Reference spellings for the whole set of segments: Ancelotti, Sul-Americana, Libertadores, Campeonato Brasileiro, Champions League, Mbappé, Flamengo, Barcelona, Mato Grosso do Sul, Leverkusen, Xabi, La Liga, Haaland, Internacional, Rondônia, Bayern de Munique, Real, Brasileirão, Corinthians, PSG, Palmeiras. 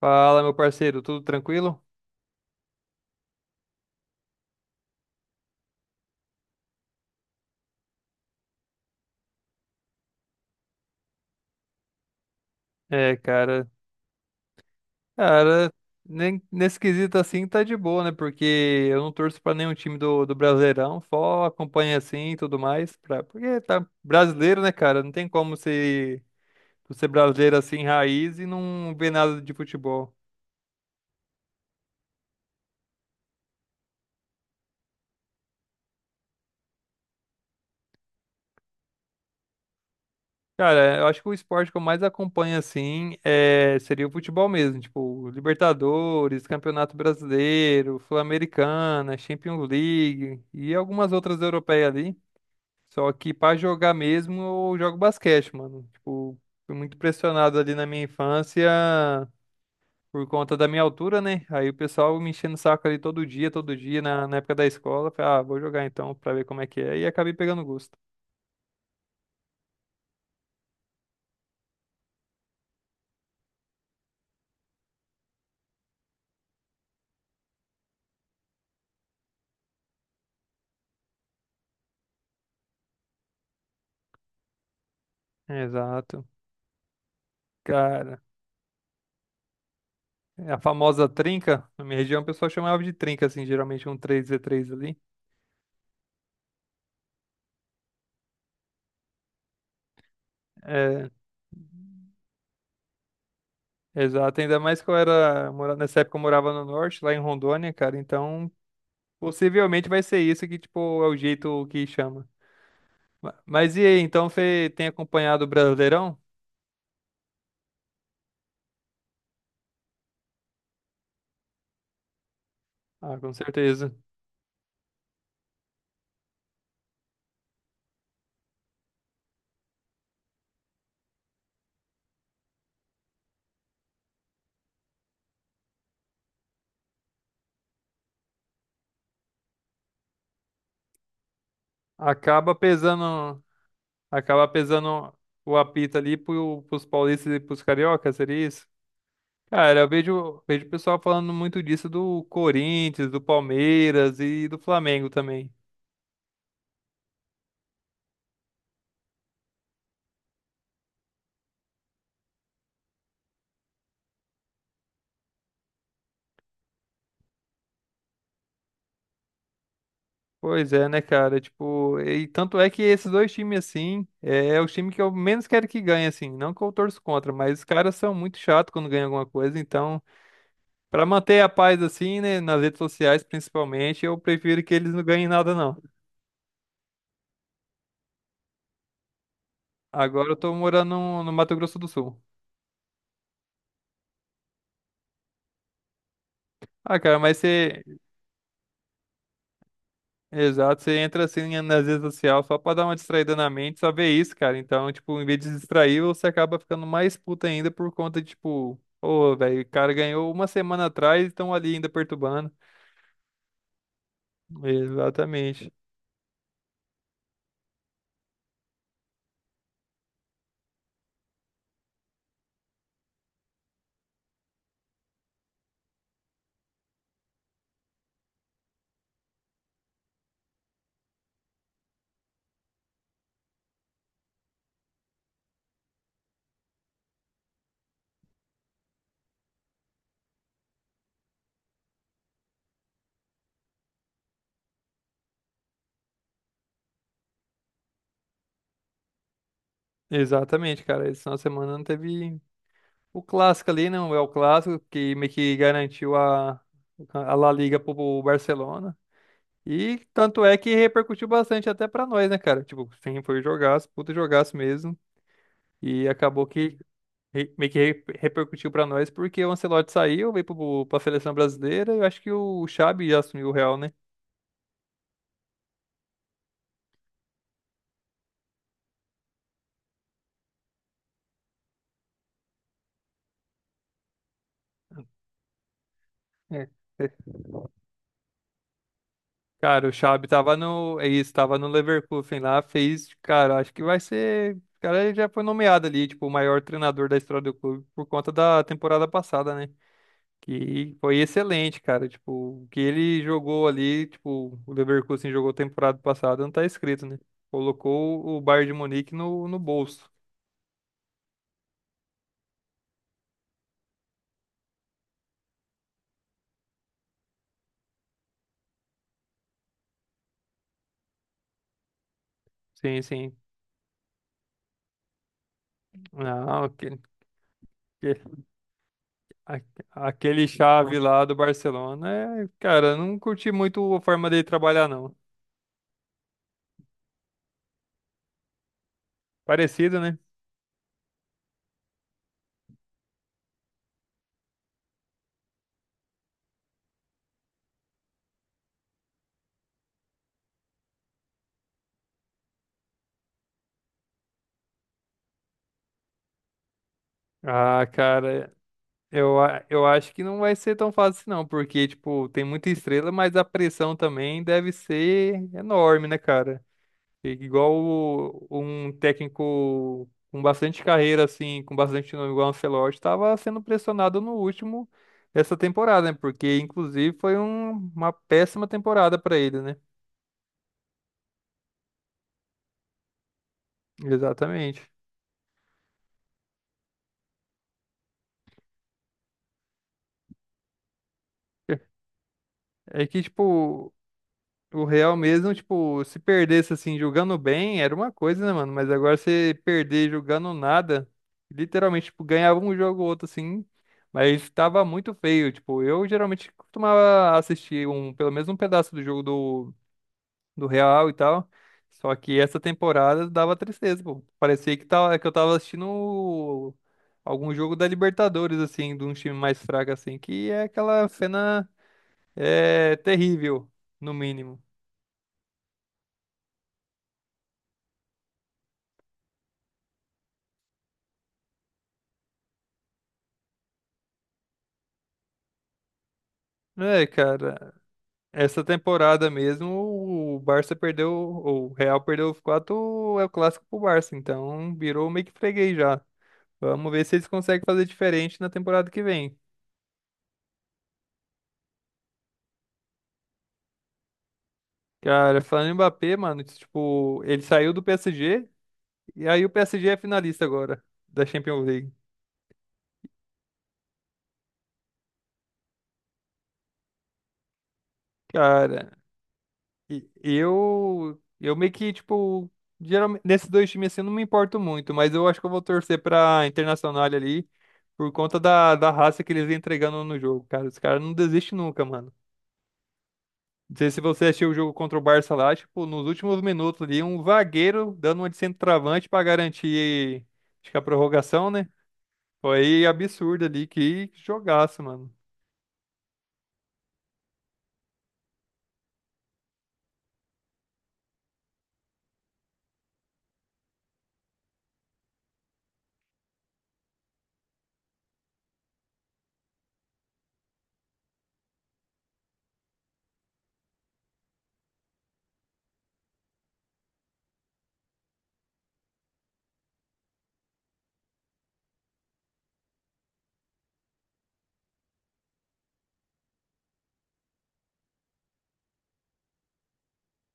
Fala, meu parceiro, tudo tranquilo? É, cara, cara, nem, nesse quesito assim tá de boa, né? Porque eu não torço pra nenhum time do Brasileirão, só acompanho assim e tudo mais, pra, porque tá brasileiro, né, cara? Não tem como ser, tu ser brasileiro assim, raiz e não ver nada de futebol. Cara, eu acho que o esporte que eu mais acompanho assim é, seria o futebol mesmo, tipo Libertadores, Campeonato Brasileiro, Sul-Americana, Champions League e algumas outras europeias ali. Só que pra jogar mesmo, eu jogo basquete, mano. Tipo, fui muito pressionado ali na minha infância por conta da minha altura, né? Aí o pessoal me enchendo o saco ali todo dia, na época da escola. Eu Falei, ah, vou jogar então pra ver como é que é. E acabei pegando gosto. Exato. Cara, é a famosa trinca, na minha região o pessoal chamava de trinca, assim, geralmente um três v três ali. É, exato. Ainda mais que eu era, nessa época eu morava no norte, lá em Rondônia, cara. Então possivelmente vai ser isso que, tipo, é o jeito que chama. Mas e aí, então você tem acompanhado o Brasileirão? Ah, com certeza. Acaba pesando, acaba pesando o apito ali pro, pros paulistas e pros cariocas, seria isso? Cara, eu vejo, vejo o pessoal falando muito disso do Corinthians, do Palmeiras e do Flamengo também. Pois é, né, cara? Tipo, e tanto é que esses dois times, assim, é, é o time que eu menos quero que ganhe, assim. Não que eu torço contra, mas os caras são muito chatos quando ganham alguma coisa. Então, pra manter a paz, assim, né, nas redes sociais, principalmente, eu prefiro que eles não ganhem nada, não. Agora eu tô morando no Mato Grosso do Sul. Ah, cara, mas você exato, você entra assim nas redes sociais só pra dar uma distraída na mente, só ver isso, cara. Então, tipo, em vez de se distrair, você acaba ficando mais puto ainda por conta de, tipo, ô, velho, o cara ganhou uma semana atrás e estão ali ainda perturbando. Exatamente. Exatamente, cara. Esse final de semana não teve o clássico ali, não. É o clássico que meio que garantiu a La Liga pro Barcelona. E tanto é que repercutiu bastante até pra nós, né, cara? Tipo, sim, foi um jogaço, puta jogaço mesmo. E acabou que repercutiu pra nós, porque o Ancelotti saiu, veio pro, pra seleção brasileira, e eu acho que o Xabi assumiu o Real, né? É. Cara, o Xabi tava no, é isso, tava no Leverkusen lá, fez, cara, acho que vai ser, o cara já foi nomeado ali, tipo, o maior treinador da história do clube por conta da temporada passada, né? Que foi excelente, cara, tipo, o que ele jogou ali, tipo, o Leverkusen jogou temporada passada, não tá escrito, né? Colocou o Bayern de Munique no bolso. Sim, sim. Não, aquele chave lá do Barcelona, é, cara, eu não curti muito a forma dele trabalhar, não. Parecido, né? Ah, cara, eu, eu acho que não vai ser tão fácil, não, porque, tipo, tem muita estrela, mas a pressão também deve ser enorme, né, cara? Igual um técnico com bastante carreira, assim, com bastante nome, igual o Ancelotti, estava sendo pressionado no último dessa temporada, né? Porque, inclusive, foi uma péssima temporada para ele, né? Exatamente. É que, tipo, o Real mesmo, tipo, se perdesse assim, jogando bem, era uma coisa, né, mano? Mas agora você perder jogando nada, literalmente, tipo, ganhava um jogo ou outro, assim, mas tava muito feio. Tipo, eu geralmente costumava assistir um, pelo menos um pedaço do jogo do, do Real e tal. Só que essa temporada dava tristeza, pô. Parecia que, tava, que eu tava assistindo algum jogo da Libertadores, assim, de um time mais fraco, assim, que é aquela cena é, terrível, no mínimo. É, cara, essa temporada mesmo, o Barça perdeu, o Real perdeu os quatro, é o clássico pro Barça, então virou meio que freguês já. Vamos ver se eles conseguem fazer diferente na temporada que vem. Cara, falando em Mbappé, mano, tipo, ele saiu do PSG e aí o PSG é finalista agora da Champions League. Cara, eu meio que, tipo, geralmente, nesses dois times assim, eu não me importo muito, mas eu acho que eu vou torcer pra Internacional ali por conta da, da raça que eles vêm entregando no jogo, cara. Os caras não desistem nunca, mano. Não sei se você assistiu o jogo contra o Barça lá, tipo, nos últimos minutos ali, um zagueiro dando uma de centroavante pra garantir, acho que a prorrogação, né? Foi absurdo ali, que jogaço, mano.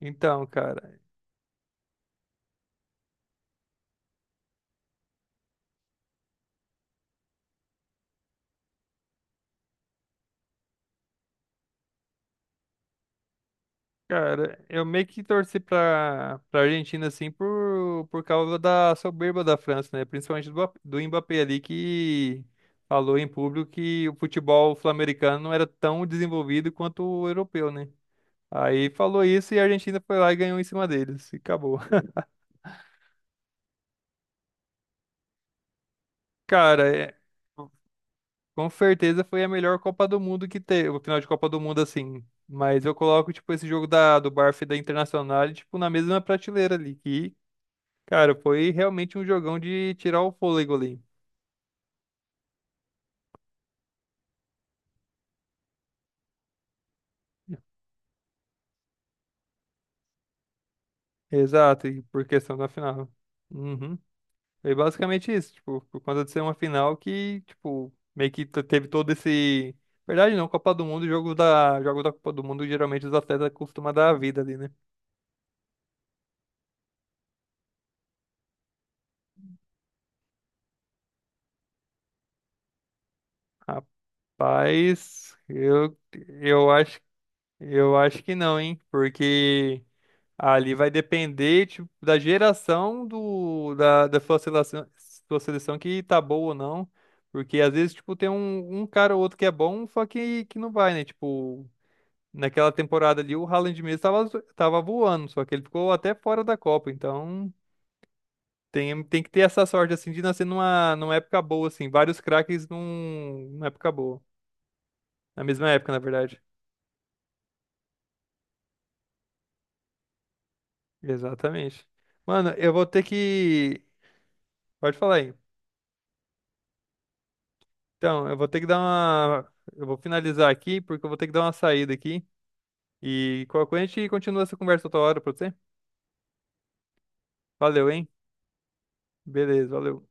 Então, cara. Cara, eu meio que torci pra, pra Argentina, assim, por causa da soberba da França, né? Principalmente do, do Mbappé ali, que falou em público que o futebol sul-americano não era tão desenvolvido quanto o europeu, né? Aí falou isso e a Argentina foi lá e ganhou em cima deles. E acabou. Cara, é, com certeza foi a melhor Copa do Mundo que teve, o final de Copa do Mundo, assim. Mas eu coloco, tipo, esse jogo da, do Barça e da Internacional, tipo, na mesma prateleira ali, que cara, foi realmente um jogão de tirar o fôlego ali. Exato, e por questão da final. Uhum. Foi basicamente isso, tipo, por conta de ser uma final que, tipo, meio que teve todo esse. Verdade não, Copa do Mundo, jogo da Copa do Mundo, geralmente os atletas costumam dar a vida ali, né? Rapaz, eu acho, eu acho que não, hein? Porque ali vai depender, tipo, da geração do, da, da sua seleção que tá boa ou não. Porque às vezes, tipo, tem um, um cara ou outro que é bom, só que não vai, né? Tipo, naquela temporada ali, o Haaland mesmo tava, tava voando, só que ele ficou até fora da Copa. Então, tem, tem que ter essa sorte, assim, de nascer numa, numa época boa, assim. Vários craques num, numa época boa. Na mesma época, na verdade. Exatamente. Mano, eu vou ter que... Pode falar aí. Então, eu vou ter que dar uma. Eu vou finalizar aqui, porque eu vou ter que dar uma saída aqui. E qualquer coisa a gente continua essa conversa outra hora pra você. Valeu, hein? Beleza, valeu.